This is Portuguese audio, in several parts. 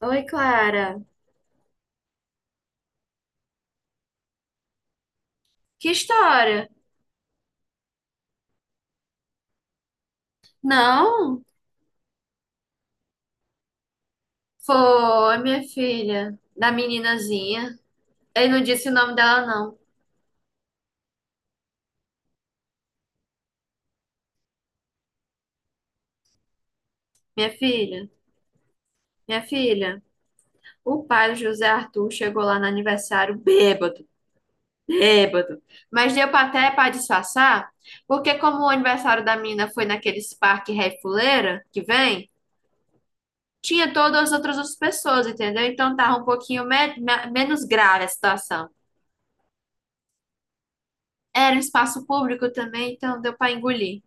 Oi, Clara. Que história? Não, foi minha filha, da meninazinha. Ele não disse o nome dela, não. Minha filha, minha filha. O pai do José Arthur chegou lá no aniversário bêbado, bêbado. Mas deu pra até para disfarçar, porque como o aniversário da menina foi naqueles parque Ré Fuleira que vem, tinha todas as outras pessoas, entendeu? Então tava um pouquinho menos grave a situação. Era um espaço público também, então deu pra engolir.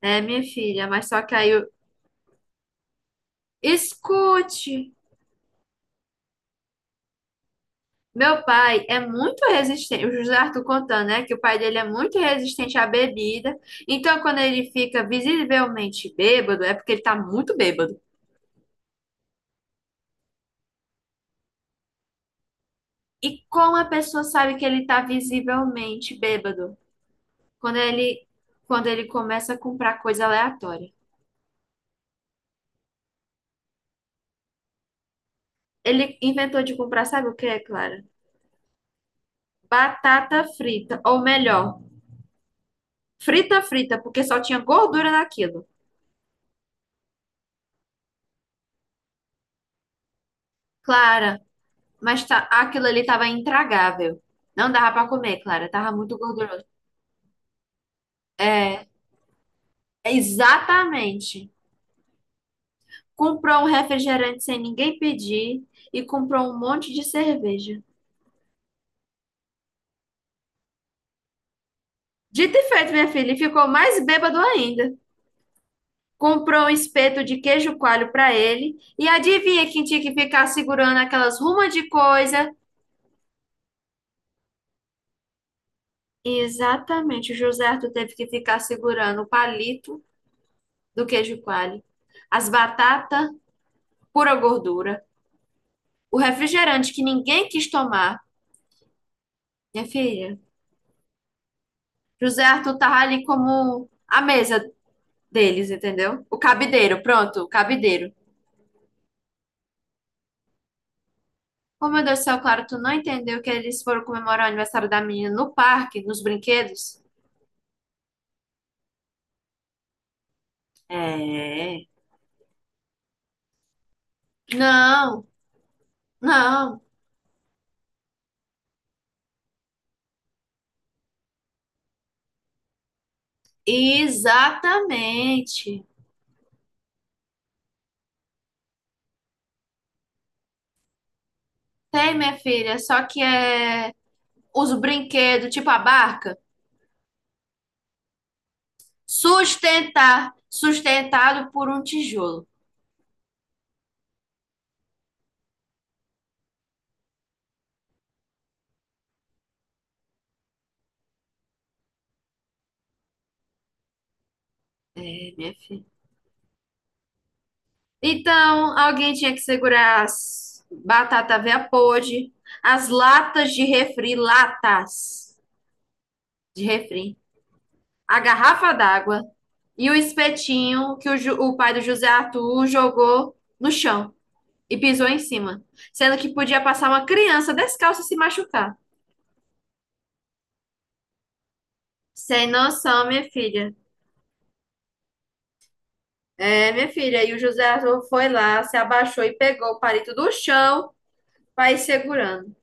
É, minha filha, mas só que aí eu... Escute! Meu pai é muito resistente, o José Arthur contando, né, que o pai dele é muito resistente à bebida. Então, quando ele fica visivelmente bêbado, é porque ele tá muito bêbado. E como a pessoa sabe que ele tá visivelmente bêbado? Quando ele, quando ele começa a comprar coisa aleatória. Ele inventou de comprar, sabe o que é, Clara? Batata frita, ou melhor, frita frita, porque só tinha gordura naquilo. Clara, mas tá, aquilo ali tava intragável. Não dava pra comer, Clara. Tava muito gorduroso. É, é exatamente. Comprou um refrigerante sem ninguém pedir e comprou um monte de cerveja. Dito e feito, minha filha, e ficou mais bêbado ainda. Comprou um espeto de queijo coalho pra ele e adivinha quem tinha que ficar segurando aquelas rumas de coisa? Exatamente, o José Arthur teve que ficar segurando o palito do queijo coalho, as batatas, pura gordura. O refrigerante que ninguém quis tomar, minha filha. José Arthur tava ali como a mesa deles, entendeu? O cabideiro, pronto, o cabideiro. Oh, meu Deus do céu, claro, tu não entendeu que eles foram comemorar o aniversário da menina no parque, nos brinquedos? É. Não, não. Exatamente. Tem, minha filha, só que é os brinquedos, tipo a barca, sustentado por um tijolo. É, minha filha. Então, alguém tinha que segurar as batata veia podre, as latas de refri, a garrafa d'água e o espetinho que o pai do José Arthur jogou no chão e pisou em cima, sendo que podia passar uma criança descalça e se machucar. Sem noção, minha filha. É, minha filha. E o José Arthur foi lá, se abaixou e pegou o palito do chão para ir segurando.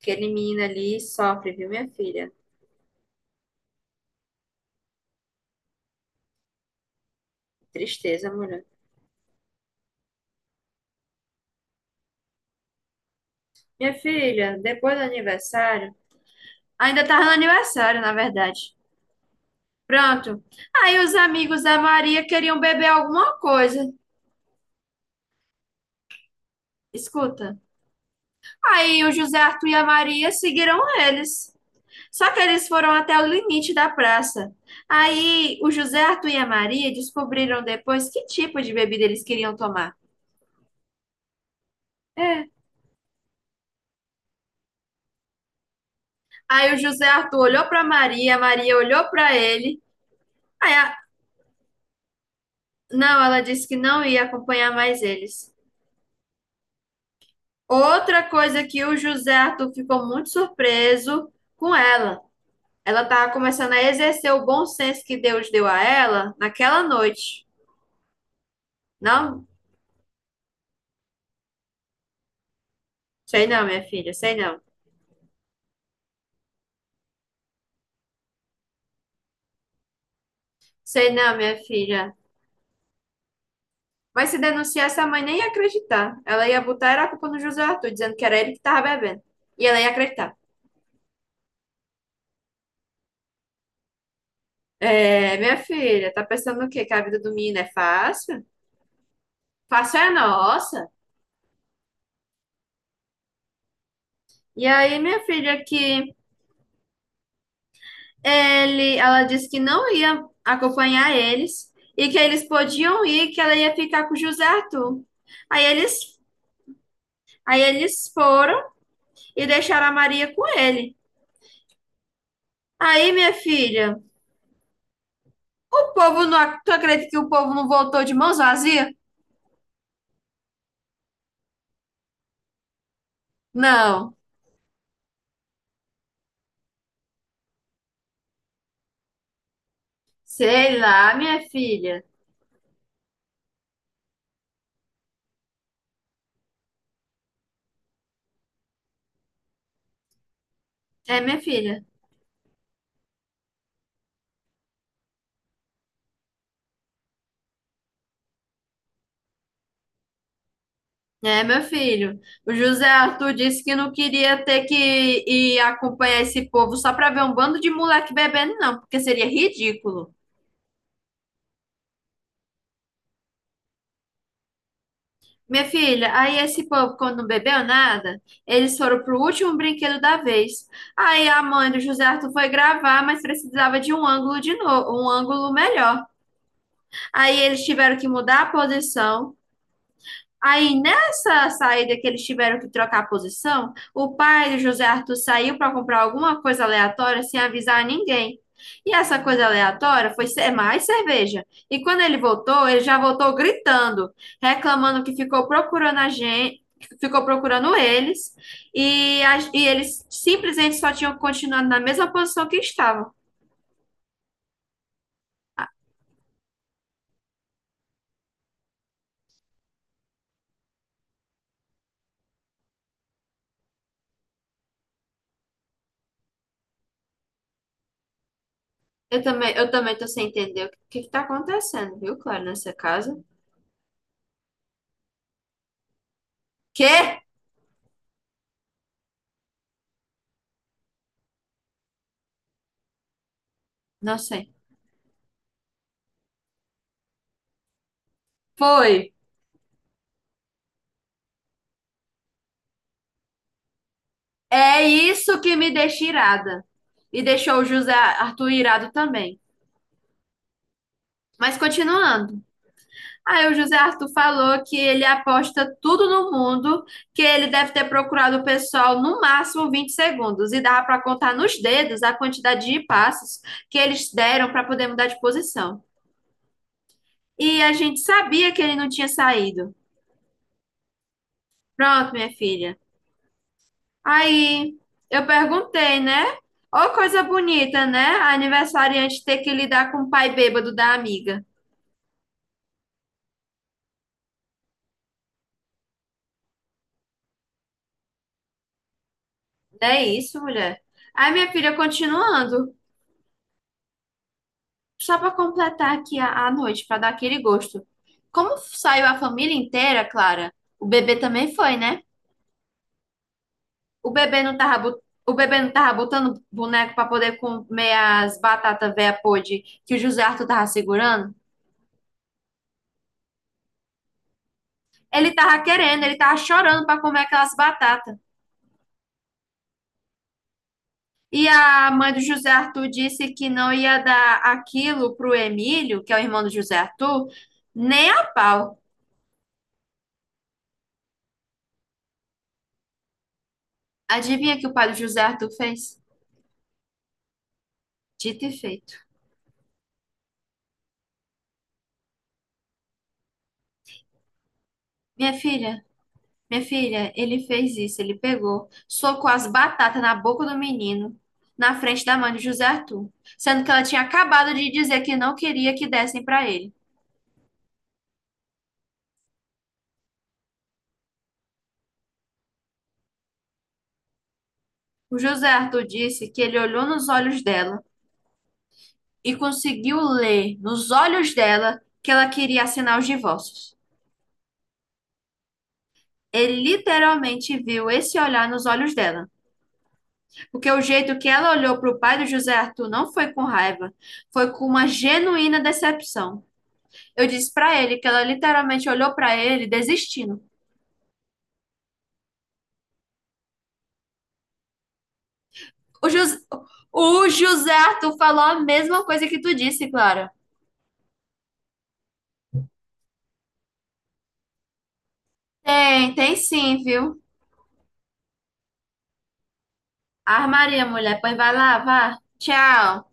Aquele menino ali sofre, viu, minha filha? Tristeza, mulher. Minha filha, depois do aniversário. Ainda tava no aniversário, na verdade. Pronto. Aí os amigos da Maria queriam beber alguma coisa. Escuta. Aí o José Arthur e a Maria seguiram eles. Só que eles foram até o limite da praça. Aí o José Arthur e a Maria descobriram depois que tipo de bebida eles queriam tomar. É. Aí o José Arthur olhou para Maria, a Maria olhou para ele. Aí a- Não, ela disse que não ia acompanhar mais eles. Outra coisa que o José Arthur ficou muito surpreso com ela. Ela estava começando a exercer o bom senso que Deus deu a ela naquela noite. Não, sei não, minha filha, sei não. Sei não, minha filha. Mas se denunciar, essa mãe nem ia acreditar. Ela ia botar era a culpa no José Arthur, dizendo que era ele que estava bebendo. E ela ia acreditar. É, minha filha, tá pensando o quê? Que a vida do menino é fácil? Fácil é a nossa. E aí, minha filha, que ela disse que não ia acompanhar eles e que eles podiam ir, que ela ia ficar com o José Arthur. Aí eles, aí eles foram e deixaram a Maria com ele. Aí, minha filha, o povo não, tu acredita que o povo não voltou de mãos vazias? Não. Sei lá, minha filha. É, minha filha. É, meu filho. O José Arthur disse que não queria ter que ir acompanhar esse povo só para ver um bando de moleque bebendo, não, porque seria ridículo. Minha filha, aí esse povo, quando não bebeu nada, eles foram pro último brinquedo da vez. Aí a mãe do José Arthur foi gravar, mas precisava de um ângulo de novo, um ângulo melhor. Aí eles tiveram que mudar a posição. Aí, nessa saída que eles tiveram que trocar a posição, o pai do José Arthur saiu para comprar alguma coisa aleatória sem avisar ninguém. E essa coisa aleatória foi ser mais cerveja. E quando ele voltou, ele já voltou gritando, reclamando que ficou procurando a gente, ficou procurando eles, e eles simplesmente só tinham continuado na mesma posição que estavam. Eu também tô sem entender o que que tá acontecendo, viu, Clara? Nessa casa. Quê? Não sei. Foi. É isso que me deixa irada. E deixou o José Arthur irado também. Mas continuando. Aí o José Arthur falou que ele aposta tudo no mundo, que ele deve ter procurado o pessoal no máximo 20 segundos e dava para contar nos dedos a quantidade de passos que eles deram para poder mudar de posição. E a gente sabia que ele não tinha saído. Pronto, minha filha. Aí eu perguntei, né? Ô, coisa bonita, né? A aniversariante ter que lidar com o pai bêbado da amiga. É isso, mulher. Aí minha filha, continuando, só para completar aqui a noite, para dar aquele gosto. Como saiu a família inteira, Clara, o bebê também foi, né? O bebê não tava, o bebê não tava botando boneco para poder comer as batatas véia podre que o José Arthur tava segurando? Ele tava chorando para comer aquelas batatas. E a mãe do José Arthur disse que não ia dar aquilo pro Emílio, que é o irmão do José Arthur, nem a pau. Adivinha que o pai do José Arthur fez? Dito e feito. Minha filha, minha filha, ele fez isso, ele pegou, socou as batatas na boca do menino, na frente da mãe do José Arthur, sendo que ela tinha acabado de dizer que não queria que dessem para ele. O José Arthur disse que ele olhou nos olhos dela e conseguiu ler nos olhos dela que ela queria assinar os divórcios. Ele literalmente viu esse olhar nos olhos dela, porque o jeito que ela olhou para o pai do José Arthur não foi com raiva, foi com uma genuína decepção. Eu disse para ele que ela literalmente olhou para ele desistindo. O, Jus... o José Arthur falou a mesma coisa que tu disse, Clara. Tem, tem sim, viu? Armaria, mulher, pois vai lá, vá. Tchau.